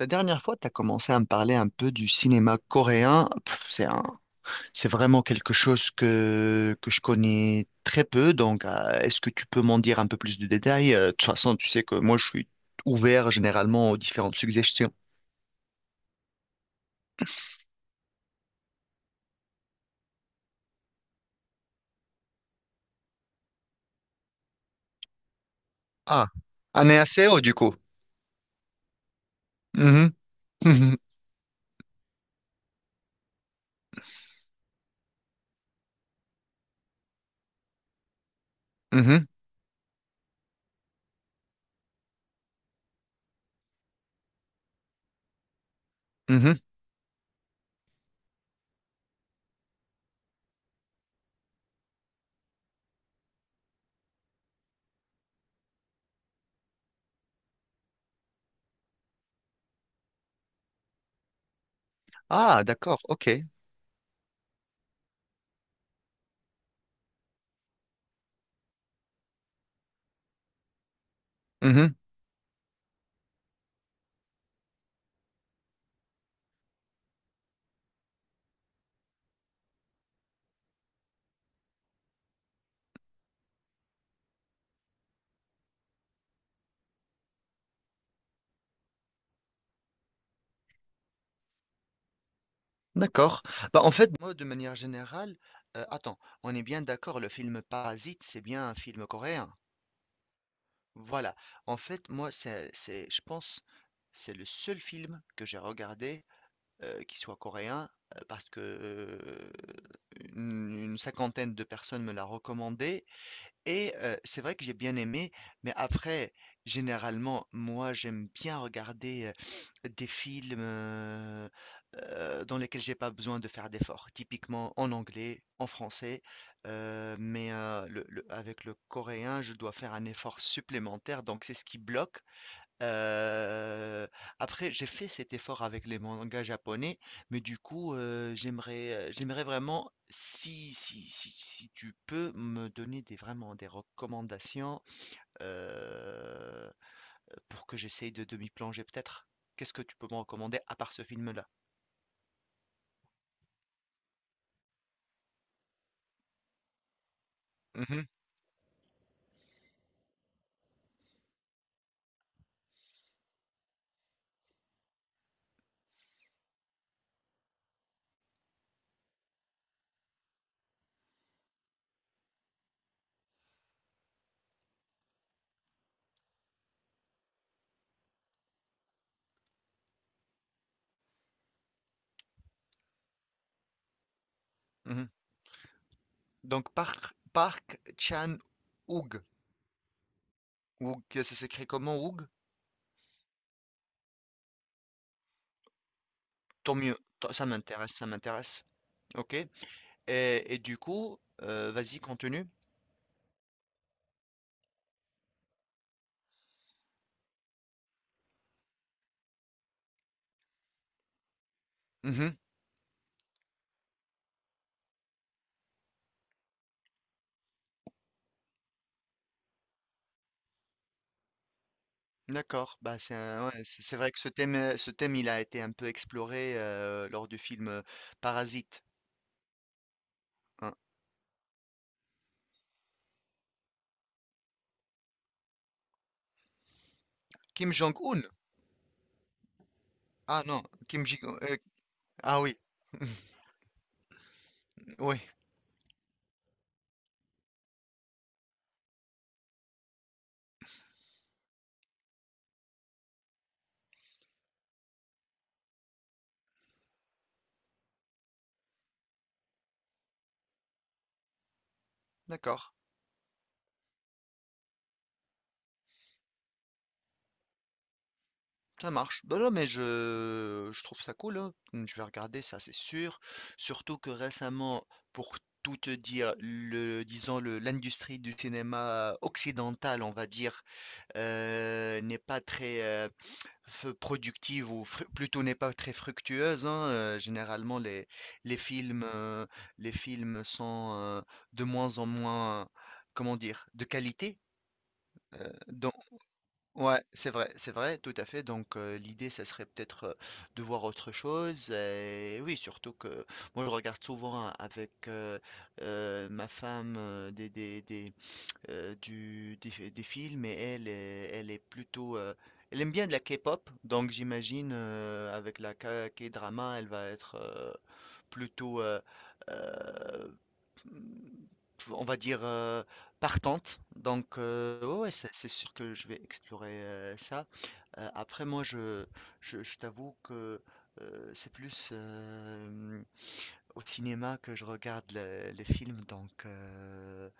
La dernière fois, tu as commencé à me parler un peu du cinéma coréen. Pff, c'est vraiment quelque chose que je connais très peu. Donc, est-ce que tu peux m'en dire un peu plus de détails? De toute façon, tu sais que moi, je suis ouvert généralement aux différentes suggestions. Ah, 안녕하세요, du coup. Mhm, mhm, mhm, mhm. Ah, d'accord, ok. Mhm, d'accord. Bah, en fait, moi, de manière générale, attends, on est bien d'accord, le film Parasite, c'est bien un film coréen. Voilà. En fait, moi, c'est je pense, c'est le seul film que j'ai regardé, qui soit coréen, parce que, une cinquantaine de personnes me l'a recommandé et c'est vrai que j'ai bien aimé, mais après, généralement, moi, j'aime bien regarder, des films, dans lesquels j'ai pas besoin de faire d'efforts. Typiquement en anglais, en français, mais le avec le coréen, je dois faire un effort supplémentaire, donc c'est ce qui bloque. Heu, Après j'ai fait cet effort avec les mangas japonais, mais du coup, j'aimerais vraiment si tu peux me donner des vraiment des recommandations, heu, pour que j'essaye de m'y plonger peut-être? Qu'est-ce que tu peux me recommander à part ce film-là? Mmh mh. Mmh mh. Donc Park Chan-wook. Wook, ça s'écrit comment Wook? Tant mieux, tant ça m'intéresse, ça m'intéresse. OK et du coup, vas-y continue. Mhm. D'accord. Bah, ouais, c'est vrai que ce thème, il a été un peu exploré lors du film Parasite. Hein. Kim Jong-un. Ah non, Kim Jong. Ah oui, oui. D'accord. Ça marche. Bah non, mais je trouve ça cool. Hein. Mmh, je vais regarder ça, c'est sûr. Surtout que récemment, pour tout te dire, disons, l'industrie du cinéma occidental, on va dire, n'est pas très, productive ou plutôt n'est pas très fructueuse. Hein, généralement, les films, sont de moins en moins, comment dire, de qualité. Donc, ouais, c'est vrai, tout à fait. Donc, l'idée, ça serait peut-être de voir autre chose. Et oui, surtout que moi, je regarde souvent avec ma femme des films et elle est plutôt elle aime bien de la K-pop, donc j'imagine avec la K-drama, elle va être plutôt, euh, on va dire, partante. Donc ouais, ouais, c'est sûr que je vais explorer ça. Après, moi, je t'avoue que c'est plus au cinéma que je regarde les films, donc euh,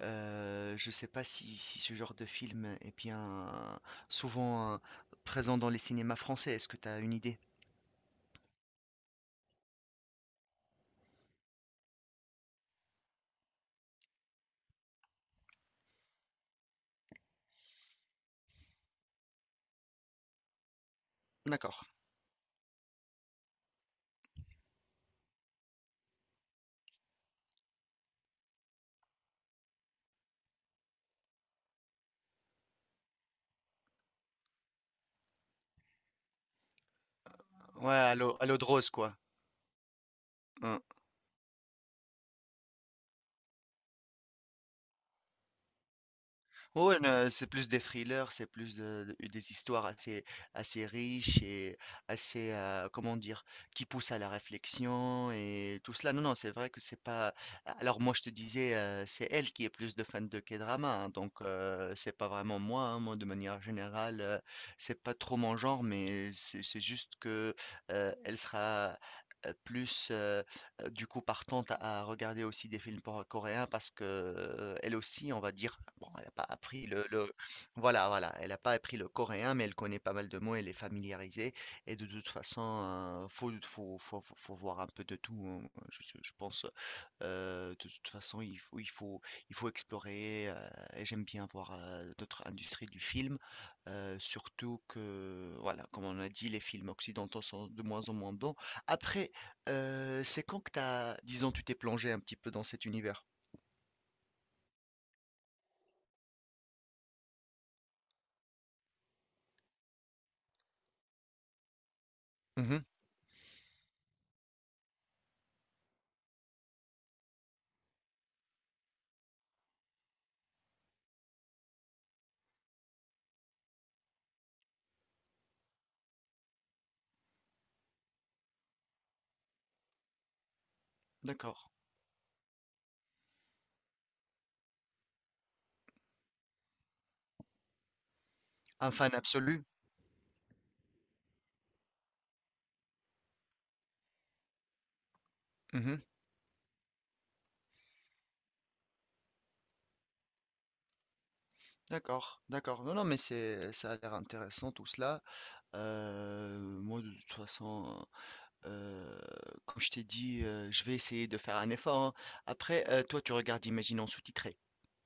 euh, je sais pas si ce genre de film est bien souvent présent dans les cinémas français. Est-ce que tu as une idée? D'accord. Ouais, à l'eau de rose, quoi. Hein. Ouais, ne c'est plus des thrillers, c'est plus des histoires assez, assez riches et assez, comment dire, qui poussent à la réflexion et tout cela. Non, non, c'est vrai que c'est pas. Alors moi, je te disais, c'est elle qui est plus de fan de K-drama, hein, donc c'est pas vraiment moi. Hein. Moi, de manière générale, c'est pas trop mon genre, mais c'est juste que elle sera plus du coup partante à regarder aussi des films coréens parce que elle aussi, on va dire, bon, elle n'a pas appris voilà, voilà, elle n'a pas appris le coréen, mais elle connaît pas mal de mots, elle est familiarisée. Et de toute façon, faut voir un peu de tout. Hein. Je pense, de toute façon, il faut explorer. Et j'aime bien voir d'autres industries du film, surtout que, voilà, comme on a dit, les films occidentaux sont de moins en moins bons. Après, c'est quand que disons, tu t'es plongé un petit peu dans cet univers? Mmh. D'accord. Un fan absolu? Mmh. D'accord, d'accord. Non, non, mais c'est ça a l'air intéressant tout cela. Moi de toute façon, Heu, comme je t'ai dit, je vais essayer de faire un effort, hein. Après, toi, tu regardes, imagine en sous-titré.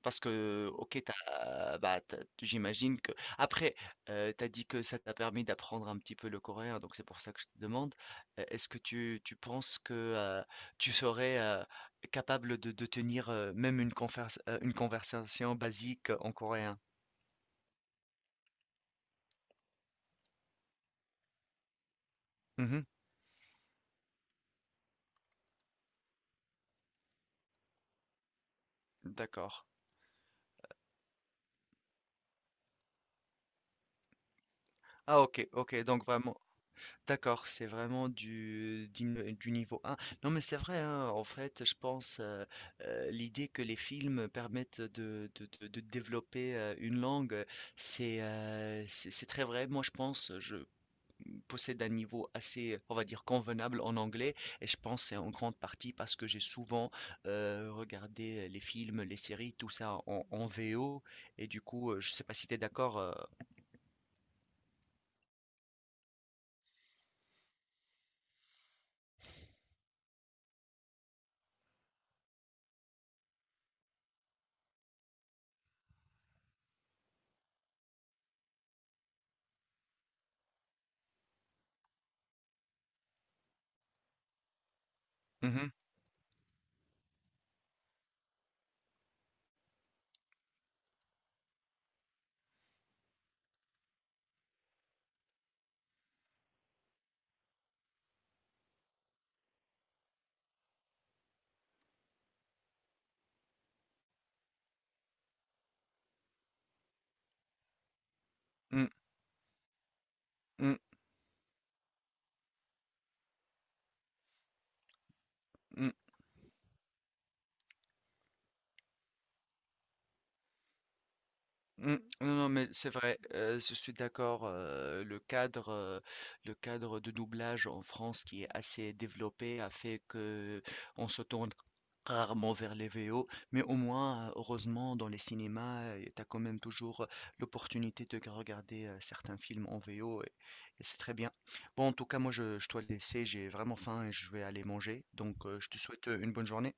Parce que, OK, bah, tu j'imagine que après, tu dit que ça t'a permis d'apprendre un petit peu le coréen, donc c'est pour ça que je te demande, est-ce que tu penses que, heu, tu serais, capable de tenir, même une conversation basique en coréen? Mmh mh. D'accord. Ah, OK, OK, donc vraiment. D'accord, c'est vraiment du niveau 1. Non, mais c'est vrai, hein, en fait, je pense l'idée que les films permettent de développer une langue, c'est c'est très vrai. Moi, je pense, je possède un niveau assez, on va dire, convenable en anglais, et je pense c'est en grande partie parce que j'ai souvent regardé les films, les séries, tout ça en VO, et du coup, je sais pas si tu es d'accord. Mhm, mm, mm, mm. Mmh. Non, non, mais c'est vrai, je suis d'accord, le cadre de doublage en France qui est assez développé a fait qu'on se tourne rarement vers les VO, mais au moins, heureusement dans les cinémas, tu as quand même toujours, l'opportunité de regarder, certains films en VO et c'est très bien. Bon, en tout cas, moi, je dois te laisser, j'ai vraiment faim et je vais aller manger, donc je te souhaite, une bonne journée.